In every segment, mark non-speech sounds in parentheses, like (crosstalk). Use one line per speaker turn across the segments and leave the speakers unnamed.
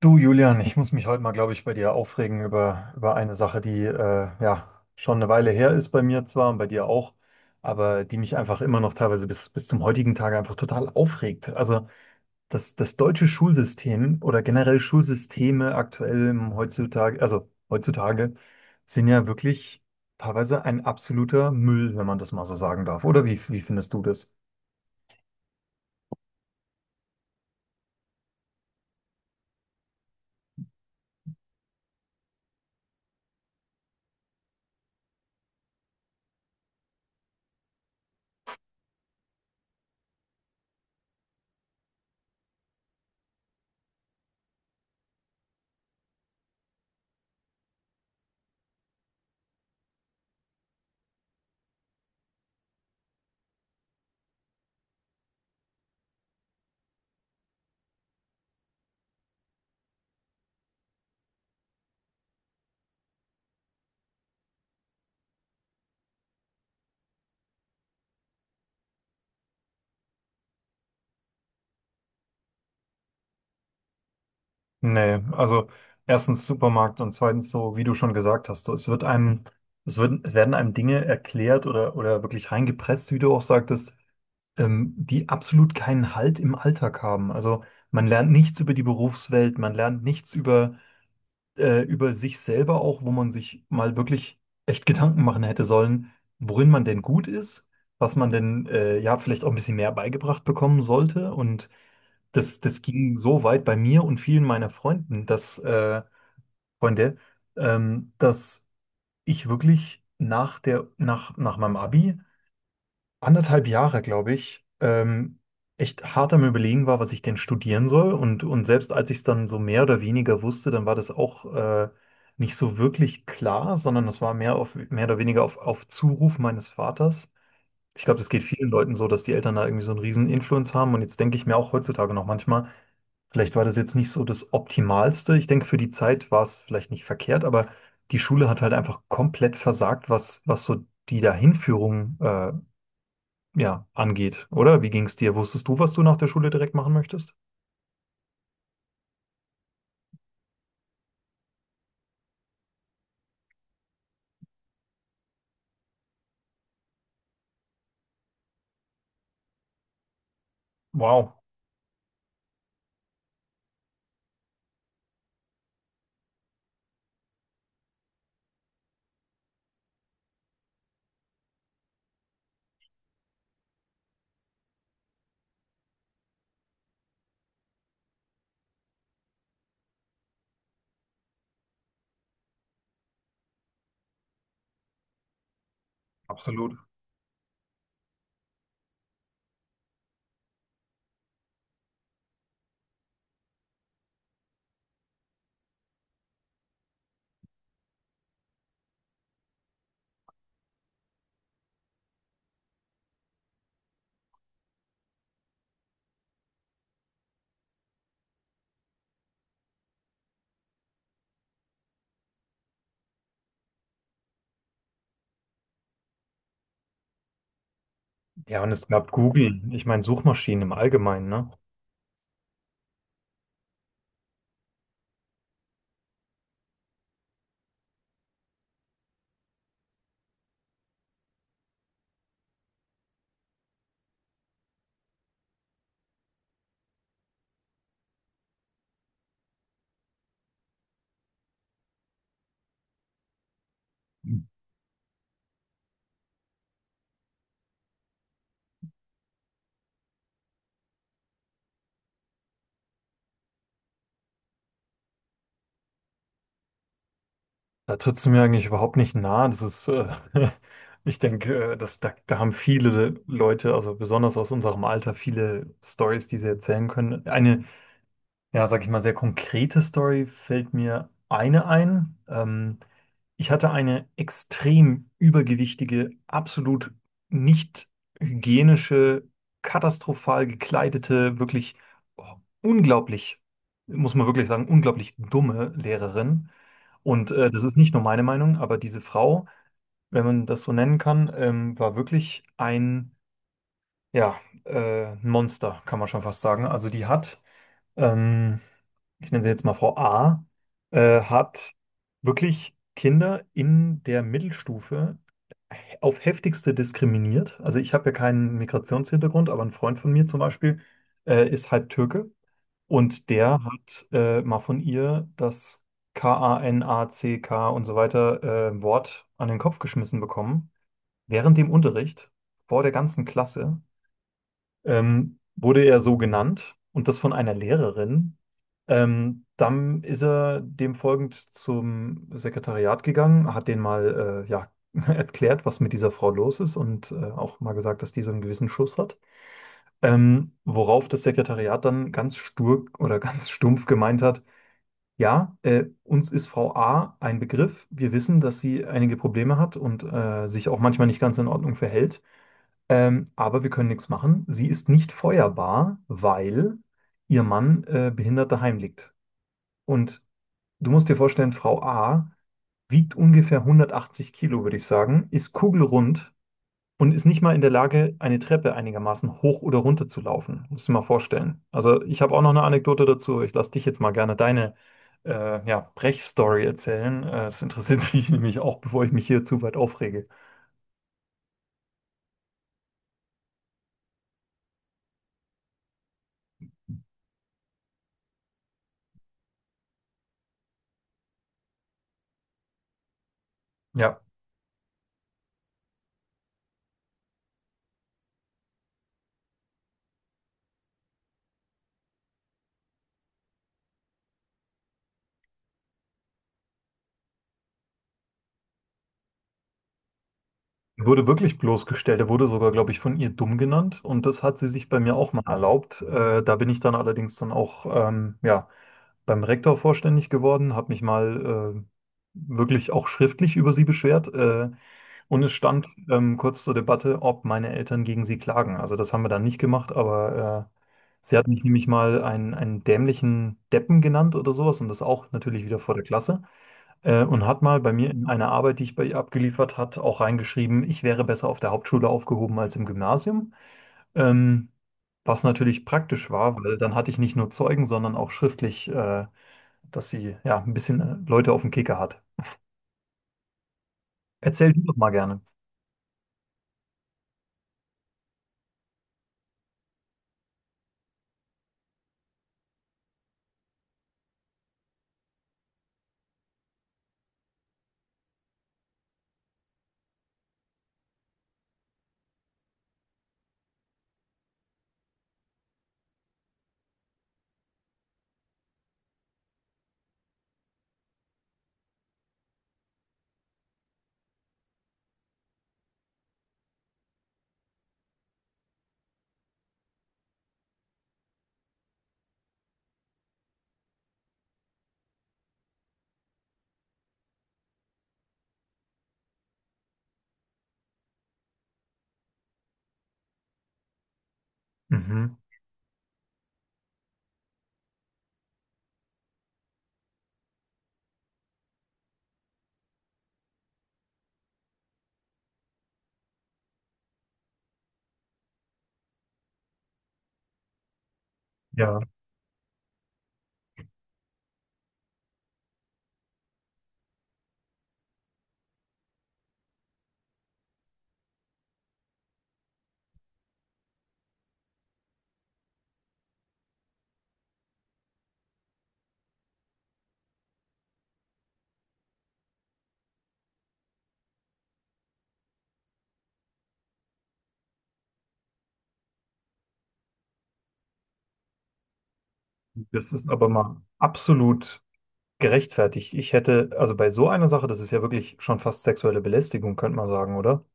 Du, Julian, ich muss mich heute mal, glaube ich, bei dir aufregen über eine Sache, die ja schon eine Weile her ist bei mir zwar und bei dir auch, aber die mich einfach immer noch teilweise bis zum heutigen Tage einfach total aufregt. Also das deutsche Schulsystem oder generell Schulsysteme aktuell im heutzutage, also heutzutage, sind ja wirklich teilweise ein absoluter Müll, wenn man das mal so sagen darf. Oder wie findest du das? Nee, also erstens Supermarkt und zweitens so, wie du schon gesagt hast, so, es wird, es werden einem Dinge erklärt oder wirklich reingepresst, wie du auch sagtest, die absolut keinen Halt im Alltag haben. Also man lernt nichts über die Berufswelt, man lernt nichts über sich selber auch, wo man sich mal wirklich echt Gedanken machen hätte sollen, worin man denn gut ist, was man denn ja vielleicht auch ein bisschen mehr beigebracht bekommen sollte. Und das ging so weit bei mir und vielen meiner Freunden, Freunde, dass ich wirklich nach meinem Abi anderthalb Jahre, glaube ich, echt hart am Überlegen war, was ich denn studieren soll. Und selbst als ich es dann so mehr oder weniger wusste, dann war das auch nicht so wirklich klar, sondern das war mehr oder weniger auf Zuruf meines Vaters. Ich glaube, das geht vielen Leuten so, dass die Eltern da irgendwie so einen riesen Influence haben. Und jetzt denke ich mir auch heutzutage noch manchmal, vielleicht war das jetzt nicht so das Optimalste. Ich denke, für die Zeit war es vielleicht nicht verkehrt, aber die Schule hat halt einfach komplett versagt, was so die Dahinführung ja, angeht, oder? Wie ging es dir? Wusstest du, was du nach der Schule direkt machen möchtest? Wow, absolut. Ja, und es gab Google. Ich meine, Suchmaschinen im Allgemeinen, ne? Da trittst du mir eigentlich überhaupt nicht nahe. (laughs) Ich denke, da haben viele Leute, also besonders aus unserem Alter, viele Stories, die sie erzählen können. Eine Ja, sag ich mal, sehr konkrete Story fällt mir eine ein. Ich hatte eine extrem übergewichtige, absolut nicht hygienische, katastrophal gekleidete, wirklich unglaublich, muss man wirklich sagen, unglaublich dumme Lehrerin. Und das ist nicht nur meine Meinung, aber diese Frau, wenn man das so nennen kann, war wirklich ja, ein Monster, kann man schon fast sagen. Also die hat ähm, ich nenne sie jetzt mal Frau A, hat wirklich Kinder in der Mittelstufe auf heftigste diskriminiert. Also ich habe ja keinen Migrationshintergrund, aber ein Freund von mir zum Beispiel ist halb Türke und der hat mal von ihr das Kanack und so weiter Wort an den Kopf geschmissen bekommen. Während dem Unterricht, vor der ganzen Klasse, wurde er so genannt und das von einer Lehrerin. Dann ist er dem folgend zum Sekretariat gegangen, hat denen mal ja, (laughs) erklärt, was mit dieser Frau los ist und auch mal gesagt, dass die so einen gewissen Schuss hat. Worauf das Sekretariat dann ganz stur oder (laughs) ganz stumpf gemeint hat, ja, uns ist Frau A ein Begriff. Wir wissen, dass sie einige Probleme hat und sich auch manchmal nicht ganz in Ordnung verhält. Aber wir können nichts machen. Sie ist nicht feuerbar, weil ihr Mann behindert daheim liegt. Und du musst dir vorstellen, Frau A wiegt ungefähr 180 Kilo, würde ich sagen, ist kugelrund und ist nicht mal in der Lage, eine Treppe einigermaßen hoch oder runter zu laufen. Musst du dir mal vorstellen. Also ich habe auch noch eine Anekdote dazu. Ich lasse dich jetzt mal gerne deine ja, Brechstory erzählen. Das interessiert (laughs) mich nämlich auch, bevor ich mich hier zu weit aufrege. Ja, er wurde wirklich bloßgestellt. Er wurde sogar, glaube ich, von ihr dumm genannt und das hat sie sich bei mir auch mal erlaubt. Da bin ich dann allerdings dann auch ja, beim Rektor vorständig geworden, habe mich mal wirklich auch schriftlich über sie beschwert. Und es stand kurz zur Debatte, ob meine Eltern gegen sie klagen. Also das haben wir dann nicht gemacht, aber sie hat mich nämlich mal einen dämlichen Deppen genannt oder sowas und das auch natürlich wieder vor der Klasse. Und hat mal bei mir in einer Arbeit, die ich bei ihr abgeliefert hat, auch reingeschrieben, ich wäre besser auf der Hauptschule aufgehoben als im Gymnasium. Ähm, Was natürlich praktisch war, weil dann hatte ich nicht nur Zeugen, sondern auch schriftlich, dass sie ja ein bisschen Leute auf den Kicker hat. Erzähl du doch mal gerne. Mhm. Ja, das ist aber mal absolut gerechtfertigt. Ich hätte, also bei so einer Sache, das ist ja wirklich schon fast sexuelle Belästigung, könnte man sagen, oder?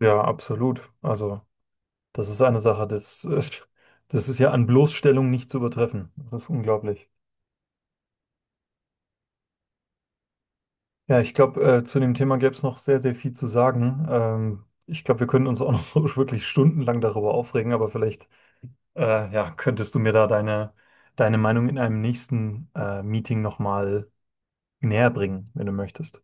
Ja, absolut. Also, das ist eine Sache, (laughs) das ist ja an Bloßstellung nicht zu übertreffen. Das ist unglaublich. Ja, ich glaube, zu dem Thema gäbe es noch sehr, sehr viel zu sagen. Ich glaube, wir können uns auch noch (laughs) wirklich stundenlang darüber aufregen, aber vielleicht ja, könntest du mir da deine Meinung in einem nächsten Meeting nochmal näher bringen, wenn du möchtest?